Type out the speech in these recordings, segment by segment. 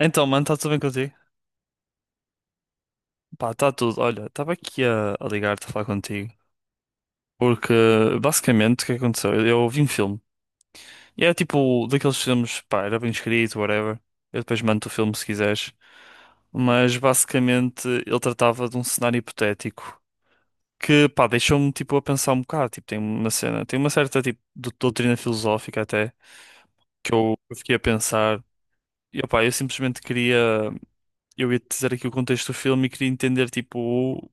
Então, mano, está tudo bem contigo? Pá, está tudo. Olha, estava aqui a ligar-te a falar contigo. Porque, basicamente, o que é que aconteceu? Eu vi um filme. E era tipo daqueles filmes, pá, era bem escrito, whatever. Eu depois mando o filme se quiseres. Mas, basicamente, ele tratava de um cenário hipotético que, pá, deixou-me, tipo, a pensar um bocado. Tipo, tem uma cena, tem uma certa, tipo, doutrina filosófica até, que eu fiquei a pensar. E, pá, eu simplesmente queria. Eu ia-te dizer aqui o contexto do filme e queria entender, tipo,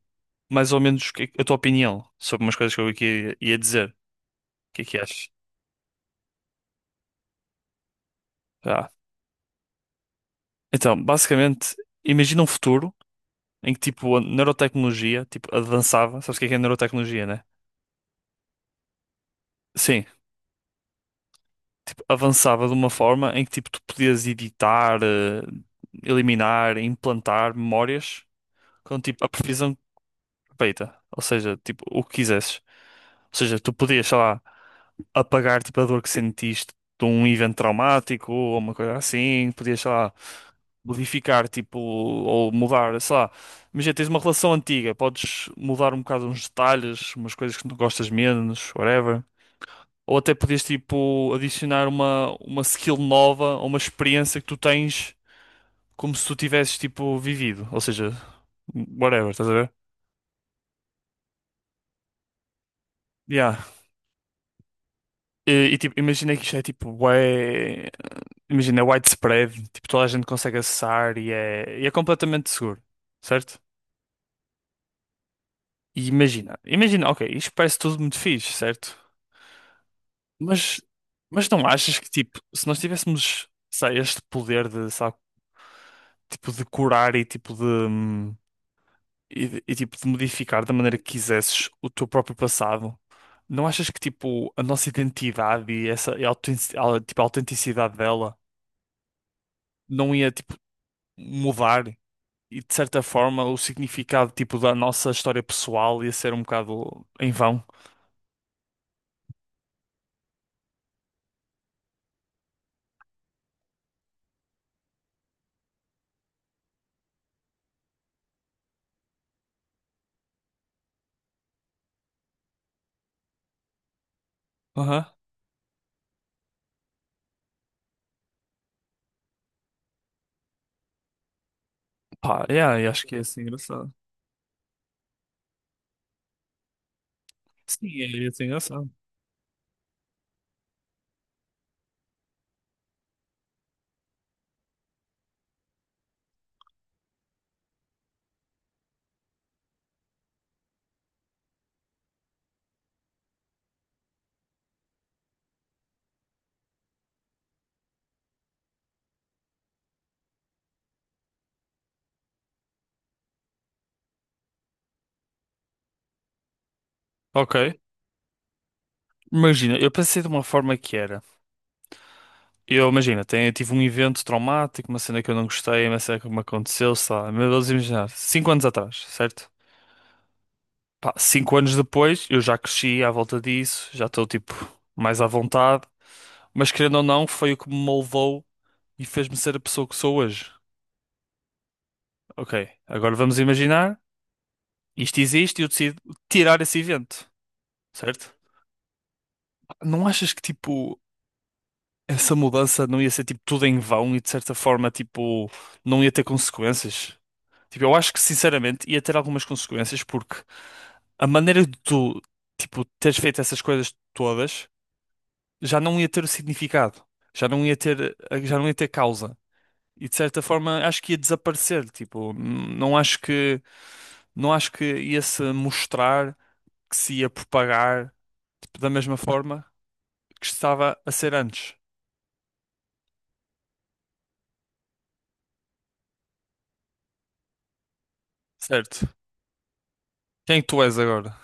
mais ou menos a tua opinião sobre umas coisas que eu aqui ia dizer. O que é que achas? Ah. Então, basicamente, imagina um futuro em que, tipo, a neurotecnologia, tipo, avançava. Sabes o que é neurotecnologia, né? Sim. Tipo, avançava de uma forma em que, tipo, tu podias editar, eliminar, implantar memórias com, tipo, a previsão perfeita. Ou seja, tipo, o que quisesses. Ou seja, tu podias, sei lá, apagar tipo a dor que sentiste de um evento traumático ou uma coisa assim, podias, sei lá, modificar tipo ou mudar, sei lá. Imagina, tens uma relação antiga, podes mudar um bocado uns detalhes, umas coisas que não gostas menos, whatever. Ou até podias tipo adicionar uma skill nova ou uma experiência que tu tens como se tu tivesses tipo vivido, ou seja, whatever, estás a ver? Yeah. E, tipo, imagina que isto é tipo, ué. Imagina, é widespread, tipo, toda a gente consegue acessar e é completamente seguro, certo? E imagina, ok, isto parece tudo muito fixe, certo? Mas, mas não achas que, tipo, se nós tivéssemos, sei, este poder de, sabe, tipo, de curar e, tipo, de, e, tipo, de modificar da maneira que quisesses o teu próprio passado, não achas que, tipo, a nossa identidade e essa, e a tipo, a autenticidade dela não ia, tipo, mudar? E de certa forma o significado tipo da nossa história pessoal ia ser um bocado em vão. Aham. Pá, yeah, eu acho que ia ser engraçado. Sim, ia ser engraçado. Ok. Imagina, eu pensei de uma forma que era. Eu imagina, tenho, eu tive um evento traumático, uma cena que eu não gostei, uma cena que me aconteceu, sei lá, meu Deus, imaginar, 5 anos atrás, certo? Pá, 5 anos depois, eu já cresci à volta disso, já estou tipo mais à vontade, mas querendo ou não, foi o que me moldou e fez-me ser a pessoa que sou hoje. Ok, agora vamos imaginar, isto existe e eu decido tirar esse evento, certo? Não achas que, tipo, essa mudança não ia ser, tipo, tudo em vão e, de certa forma, tipo, não ia ter consequências? Tipo, eu acho que, sinceramente, ia ter algumas consequências porque a maneira de tu, tipo, teres feito essas coisas todas já não ia ter o significado, já não ia ter, já não ia ter causa. E de certa forma acho que ia desaparecer, tipo, não acho que ia se mostrar que se ia propagar tipo, da mesma forma que estava a ser antes, certo? Quem tu és agora?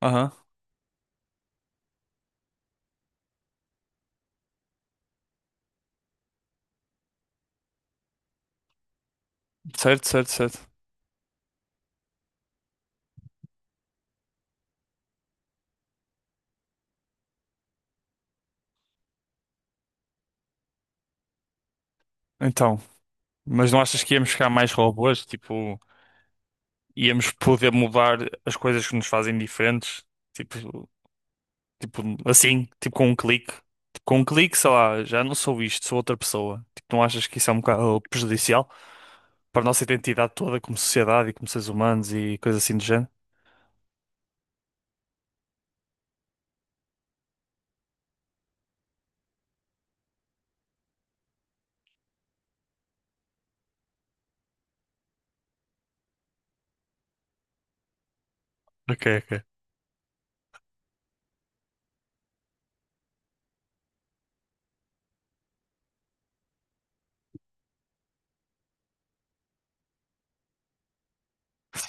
Aham. Certo, certo, certo. Então, mas não achas que íamos ficar mais robôs? Tipo, íamos poder mudar as coisas que nos fazem diferentes? Tipo, tipo assim, tipo com um clique. Tipo, com um clique, sei lá, já não sou isto, sou outra pessoa. Tipo, não achas que isso é um bocado prejudicial para a nossa identidade toda como sociedade e como seres humanos e coisas assim do género? Ok, ok.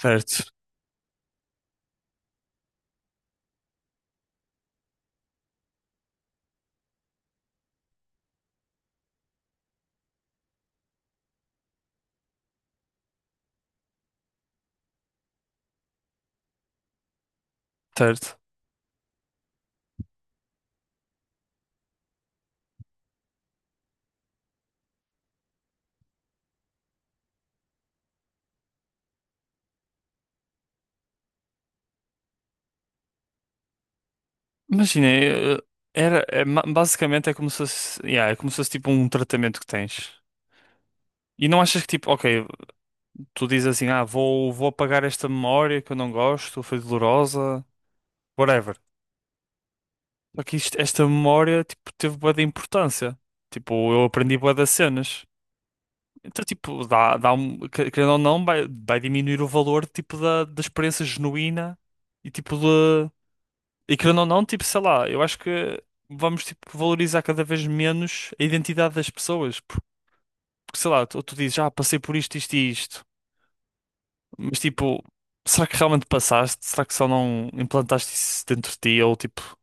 Certo, certo. Imagina, era, basicamente é como se fosse, yeah, é como se fosse tipo um tratamento que tens. E não achas que tipo, ok, tu dizes assim, ah, vou apagar esta memória que eu não gosto, foi dolorosa, whatever. Só que isto- esta memória, tipo, teve bué de importância. Tipo, eu aprendi bué das cenas. Então, tipo, dá um, querendo ou não, vai diminuir o valor, tipo, da experiência genuína e, tipo, e querendo ou não, tipo, sei lá, eu acho que vamos, tipo, valorizar cada vez menos a identidade das pessoas. Porque, sei lá, tu dizes, ah, passei por isto, isto e isto. Mas, tipo, será que realmente passaste? Será que só não implantaste isso dentro de ti? Ou, tipo,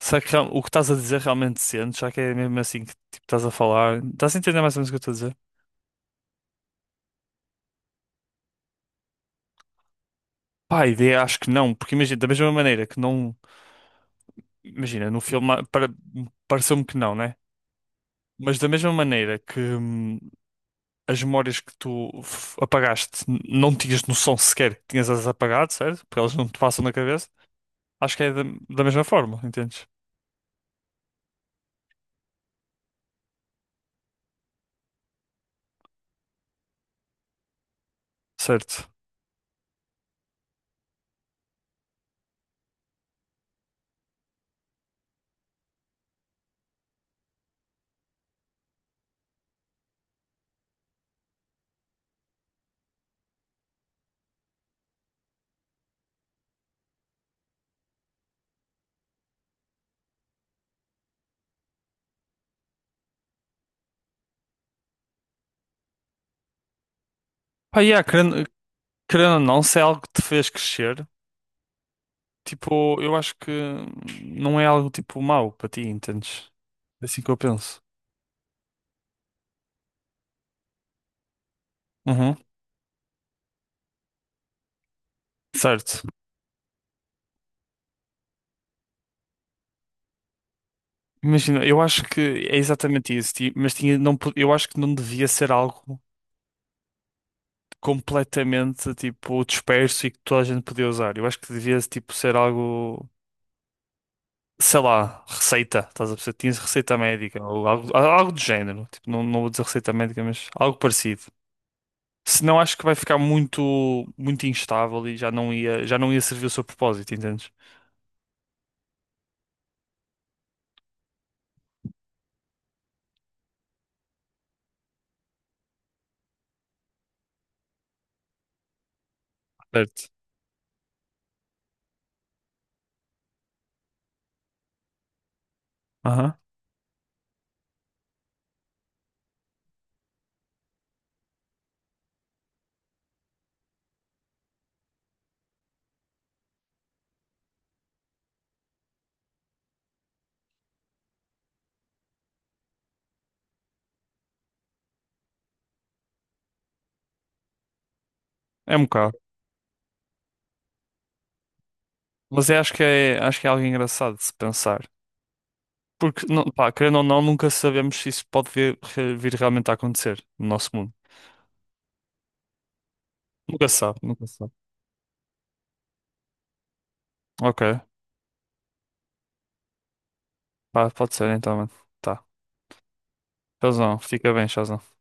será que o que estás a dizer realmente sentes? Será que é mesmo assim que, tipo, estás a falar? Estás a entender mais ou menos o que eu estou a dizer? Pá, a ideia acho que não. Porque, imagina, da mesma maneira que não... Imagina, no filme ah, pareceu-me que não, né? Mas da mesma maneira que... as memórias que tu apagaste, não tinhas noção sequer que tinhas-as apagado, certo? Porque elas não te passam na cabeça. Acho que é da mesma forma, entendes? Certo. Pá, yeah, querendo ou não, se é algo que te fez crescer, tipo, eu acho que não é algo tipo mau para ti, entendes? É assim que eu penso. Uhum. Certo. Imagina, eu acho que é exatamente isso, mas tinha, não, eu acho que não devia ser algo completamente tipo disperso e que toda a gente podia usar. Eu acho que devia tipo ser algo sei lá, receita, estás a perceber? Tinhas receita médica ou algo do género. Tipo, não, não vou dizer receita médica, mas algo parecido. Senão acho que vai ficar muito, muito instável e já não ia servir o seu propósito, entendes? Certo. Aham. É um bocado. Mas eu acho que é algo engraçado de se pensar. Porque, não, pá, querendo ou não, nunca sabemos se isso pode vir, vir realmente a acontecer no nosso mundo. Nunca se sabe, nunca se sabe. Ok, pá, pode ser então, mano. Tá. Shazam, fica bem, Shazam.